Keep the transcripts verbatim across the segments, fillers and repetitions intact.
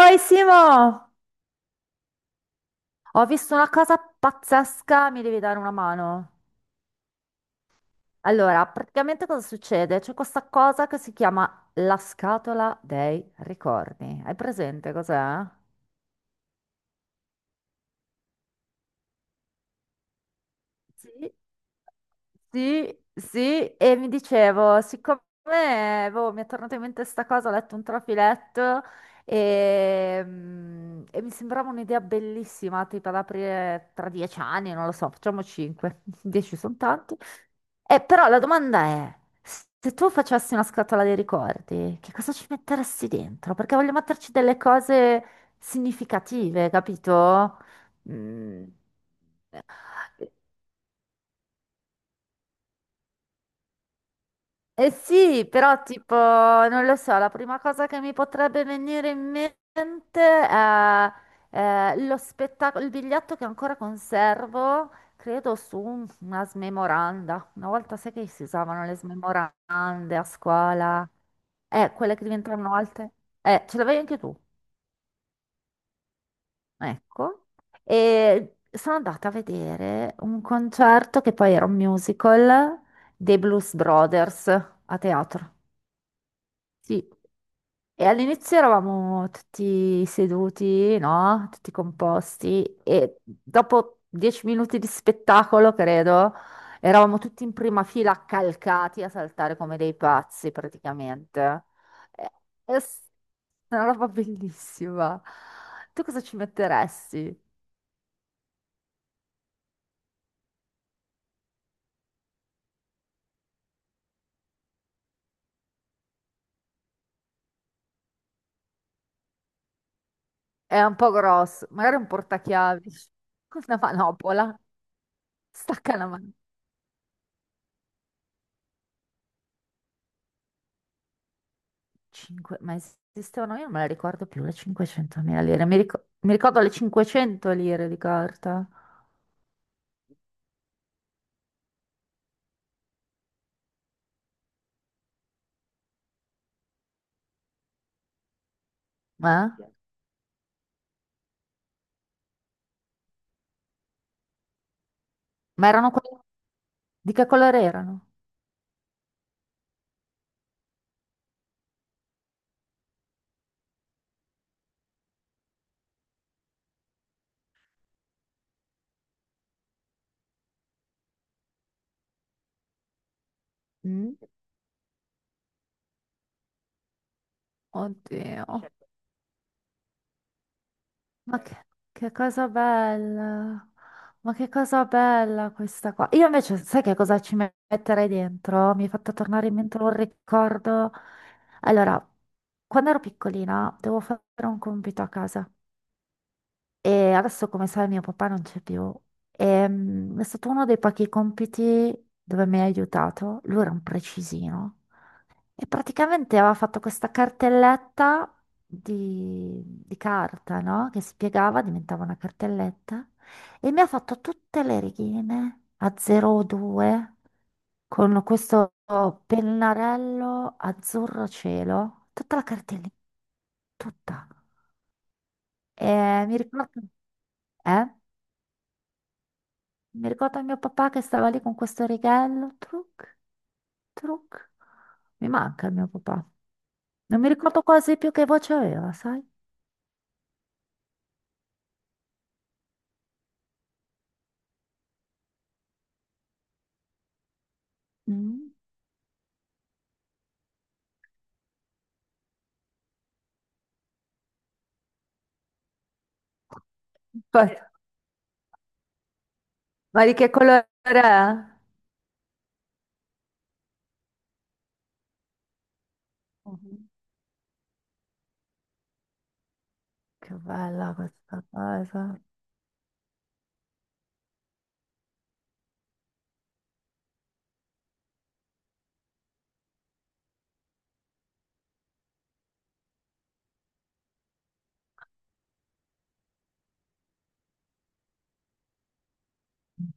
Oi Simo, ho visto una cosa pazzesca, mi devi dare una mano. Allora, praticamente cosa succede? C'è questa cosa che si chiama la scatola dei ricordi. Hai presente cos'è? Sì, sì, sì, e mi dicevo, siccome eh, boh, mi è tornata in mente sta cosa, ho letto un trafiletto e, mm, e mi sembrava un'idea bellissima, tipo ad aprire tra dieci anni, non lo so, facciamo cinque, dieci sono tanti. Eh, però la domanda è, se tu facessi una scatola dei ricordi, che cosa ci metteresti dentro? Perché voglio metterci delle cose significative, capito? Mm. Eh sì, però tipo, non lo so, la prima cosa che mi potrebbe venire in mente è, eh, lo spettacolo, il biglietto che ancora conservo, credo su un- una smemoranda. Una volta sai che si usavano le smemorande a scuola, eh, quelle che diventavano alte. Eh, ce l'avevi anche tu, ecco. E sono andata a vedere un concerto che poi era un musical dei Blues Brothers a teatro. Sì. E all'inizio eravamo tutti seduti, no? Tutti composti e dopo dieci minuti di spettacolo, credo, eravamo tutti in prima fila accalcati a saltare come dei pazzi praticamente. È è s- una roba bellissima. Tu cosa ci metteresti? È un po' grosso, magari un portachiavi, una manopola, stacca la mano. Cinque- ma esistevano? Io non me la ricordo più, le cinquecentomila lire. Mi, ric- mi ricordo le cinquecento lire di carta. Ma, ma erano quelle. Di che colore erano? Mm? Oddio. Ma che, che cosa bella. Ma che cosa bella questa qua. Io invece, sai che cosa ci metterei dentro? Mi hai fatto tornare in mente un ricordo. Allora, quando ero piccolina, dovevo fare un compito a casa. E adesso, come sai, mio papà non c'è più. E, mm, è stato uno dei pochi compiti dove mi ha aiutato. Lui era un precisino. E praticamente aveva fatto questa cartelletta di, di carta, no? Che spiegava, diventava una cartelletta. E mi ha fatto tutte le righine a due con questo pennarello azzurro cielo. Tutta la cartellina, tutta. E mi ricordo. Eh? Mi ricordo mio papà che stava lì con questo righello, truc, truc. Mi manca il mio papà. Non mi ricordo quasi più che voce aveva, sai? Mm. Poi- Ma di che colore è? Mhm. Che bella questa cosa.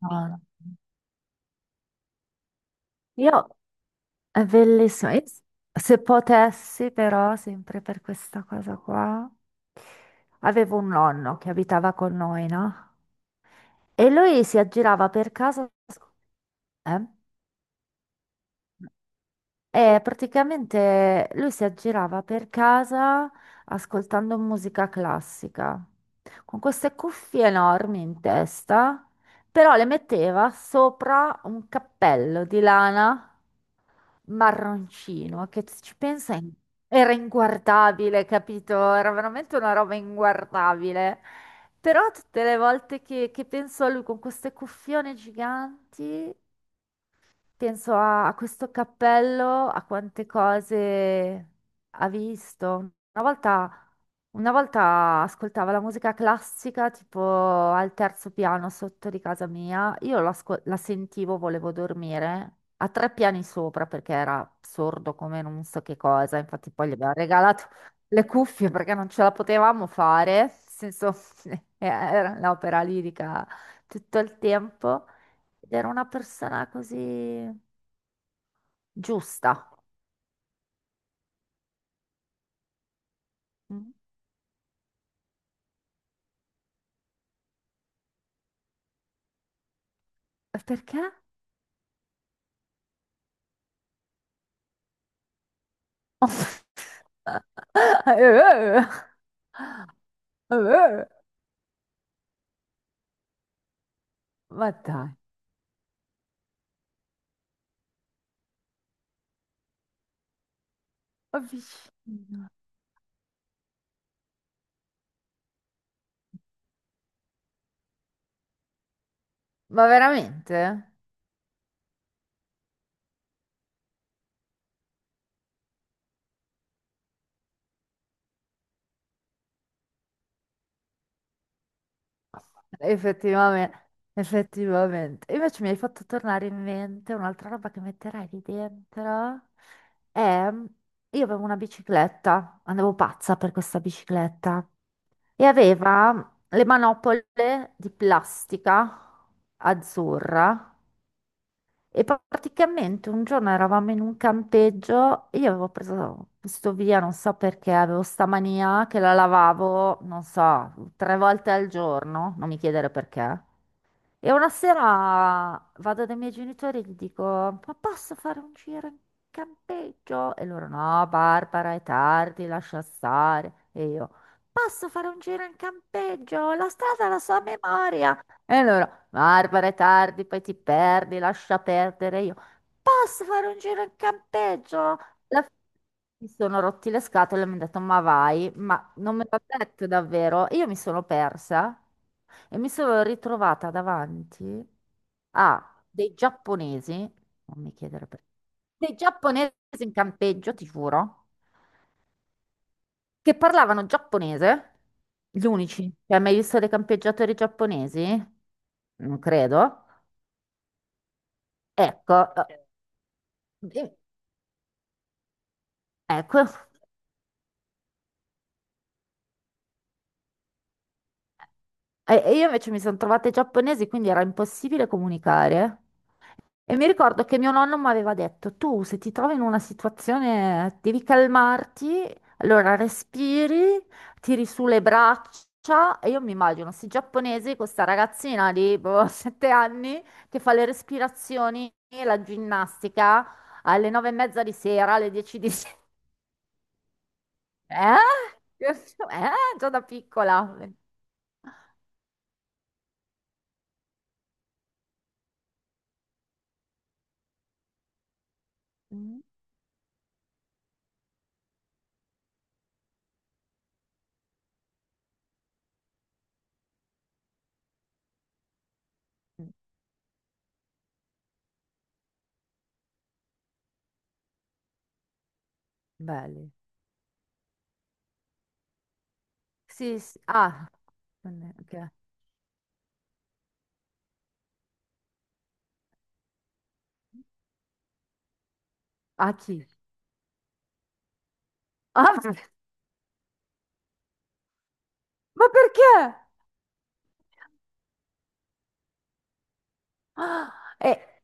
Madonna. Io è bellissimo. Io s- se potessi, però, sempre per questa cosa qua, avevo un nonno che abitava con noi, no? E lui si aggirava per casa. Eh? E praticamente lui si aggirava per casa ascoltando musica classica, con queste cuffie enormi in testa, però le metteva sopra un cappello di lana marroncino, che se ci pensa in- era inguardabile, capito? Era veramente una roba inguardabile. Però tutte le volte che, che penso a lui con queste cuffione giganti. Penso a, a questo cappello, a quante cose ha visto. Una volta, una volta ascoltava la musica classica tipo al terzo piano sotto di casa mia. Io la, ascol- la sentivo, volevo dormire a tre piani sopra perché era sordo come non so che cosa. Infatti poi gli abbiamo regalato le cuffie perché non ce la potevamo fare. Nel senso, era l'opera lirica tutto il tempo. Ed era una persona così giusta. Mm. Perché? Eh, eh, Ma dai, ma vicino. Ma veramente? Effettivamente, effettivamente. Invece mi hai fatto tornare in mente un'altra roba che metterai lì dentro. È. Io avevo una bicicletta, andavo pazza per questa bicicletta e aveva le manopole di plastica azzurra. E praticamente un giorno eravamo in un campeggio e io avevo preso questo via, non so perché, avevo sta mania che la lavavo, non so, tre volte al giorno, non mi chiedere perché. E una sera vado dai miei genitori e gli dico, ma posso fare un giro in campeggio? E loro, no, Barbara, è tardi, lascia stare. E io, posso fare un giro in campeggio? La strada è la so a memoria. E loro, Barbara, è tardi, poi ti perdi, lascia perdere. Posso fare un giro in campeggio? Alla fine mi sono rotti le scatole e mi hanno detto, ma vai, ma non me l'ha detto davvero. Io mi sono persa e mi sono ritrovata davanti a dei giapponesi, non mi chiedere perché, dei giapponesi in campeggio, ti giuro, che parlavano giapponese, gli unici. Cioè, hai mai visto dei campeggiatori giapponesi? Non credo. Ecco, eh, eh, ecco, E e io invece mi sono trovata ai giapponesi, quindi era impossibile comunicare. E mi ricordo che mio nonno mi aveva detto, tu se ti trovi in una situazione devi calmarti, allora respiri, tiri su le braccia. E io mi immagino questi giapponesi, questa ragazzina di boh, sette anni che fa le respirazioni e la ginnastica alle nove e mezza di sera, alle dieci di sera. Eh? Eh? Già da piccola. Mm, mm. Belli. Sì, sì. Ah, non è- ok. A chi? Ah, ma perché? Ah, è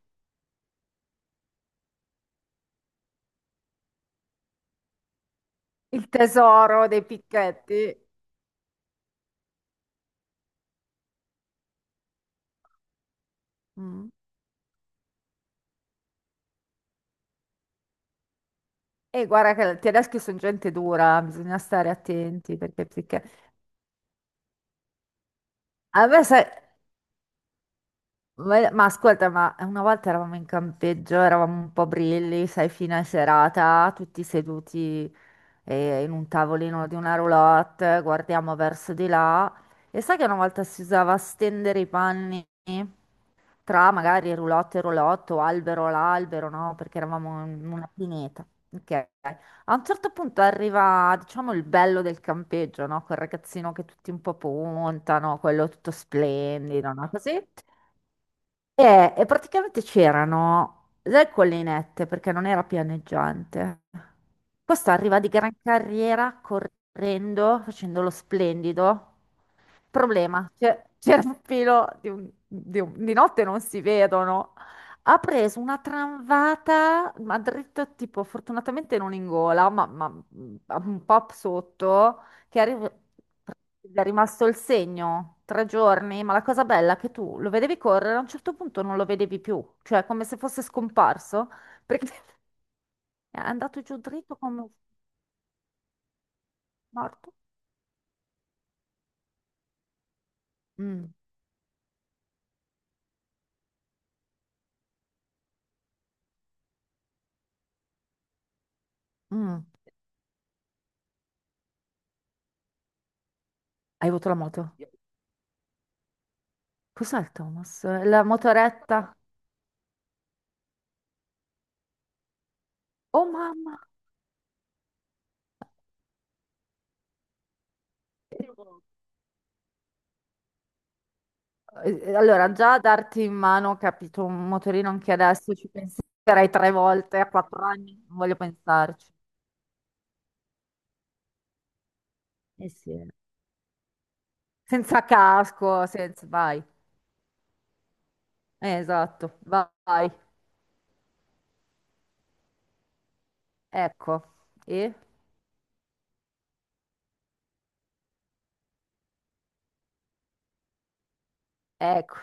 il tesoro dei picchetti. Mm. E guarda che i tedeschi sono gente dura, bisogna stare attenti perché, perché... A me, sai, ma ma ascolta, ma una volta eravamo in campeggio, eravamo un po' brilli, sai, fine serata, tutti seduti eh, in un tavolino di una roulotte, guardiamo verso di là. E sai che una volta si usava stendere i panni? Tra magari roulotte e roulotte o albero all'albero, no? Perché eravamo in una pineta. Ok. A un certo punto arriva, diciamo, il bello del campeggio, no? Quel ragazzino che tutti un po' puntano, quello tutto splendido, no? Così. E, e praticamente c'erano le collinette perché non era pianeggiante. Questo arriva di gran carriera correndo, facendo lo splendido. Problema, c'è- c'era un filo di, un- di un- di notte non si vedono. Ha preso una tramvata, ma dritto tipo, fortunatamente non in gola, ma, ma, mm, un po' sotto che arri- è rimasto il segno, tre giorni, ma la cosa bella è che tu lo vedevi correre, a un certo punto non lo vedevi più, cioè come se fosse scomparso, perché è andato giù dritto come morto. Mm, mm. Hai avuto la moto? Cos'è il Thomas? La motoretta? Oh mamma! Eh, eh, Allora, già a darti in mano, ho capito, un motorino anche adesso ci penserei tre volte, a quattro anni, non voglio pensarci. Eh sì. Senza casco, senza, vai. Eh, esatto, vai. Ecco. E? Ecco.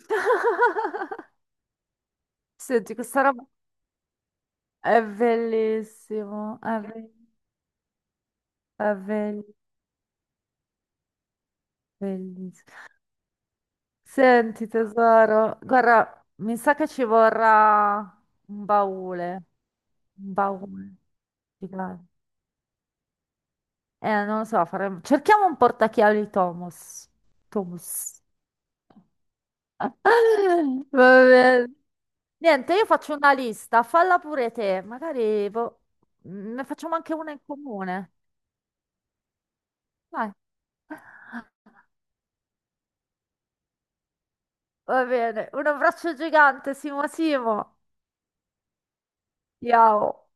Senti, questa roba è bellissimo, è, be- è be- bellissimo. Senti, tesoro, guarda, mi sa che ci vorrà un baule, un baule gigante. Eh, non lo so, faremo... cerchiamo un portachiavi Thomas. Thomas. Va bene. Niente, io faccio una lista, falla pure te, magari boh, mm, ne facciamo anche una in comune. Dai. Va bene, un abbraccio gigante, Simo Simo. Ciao.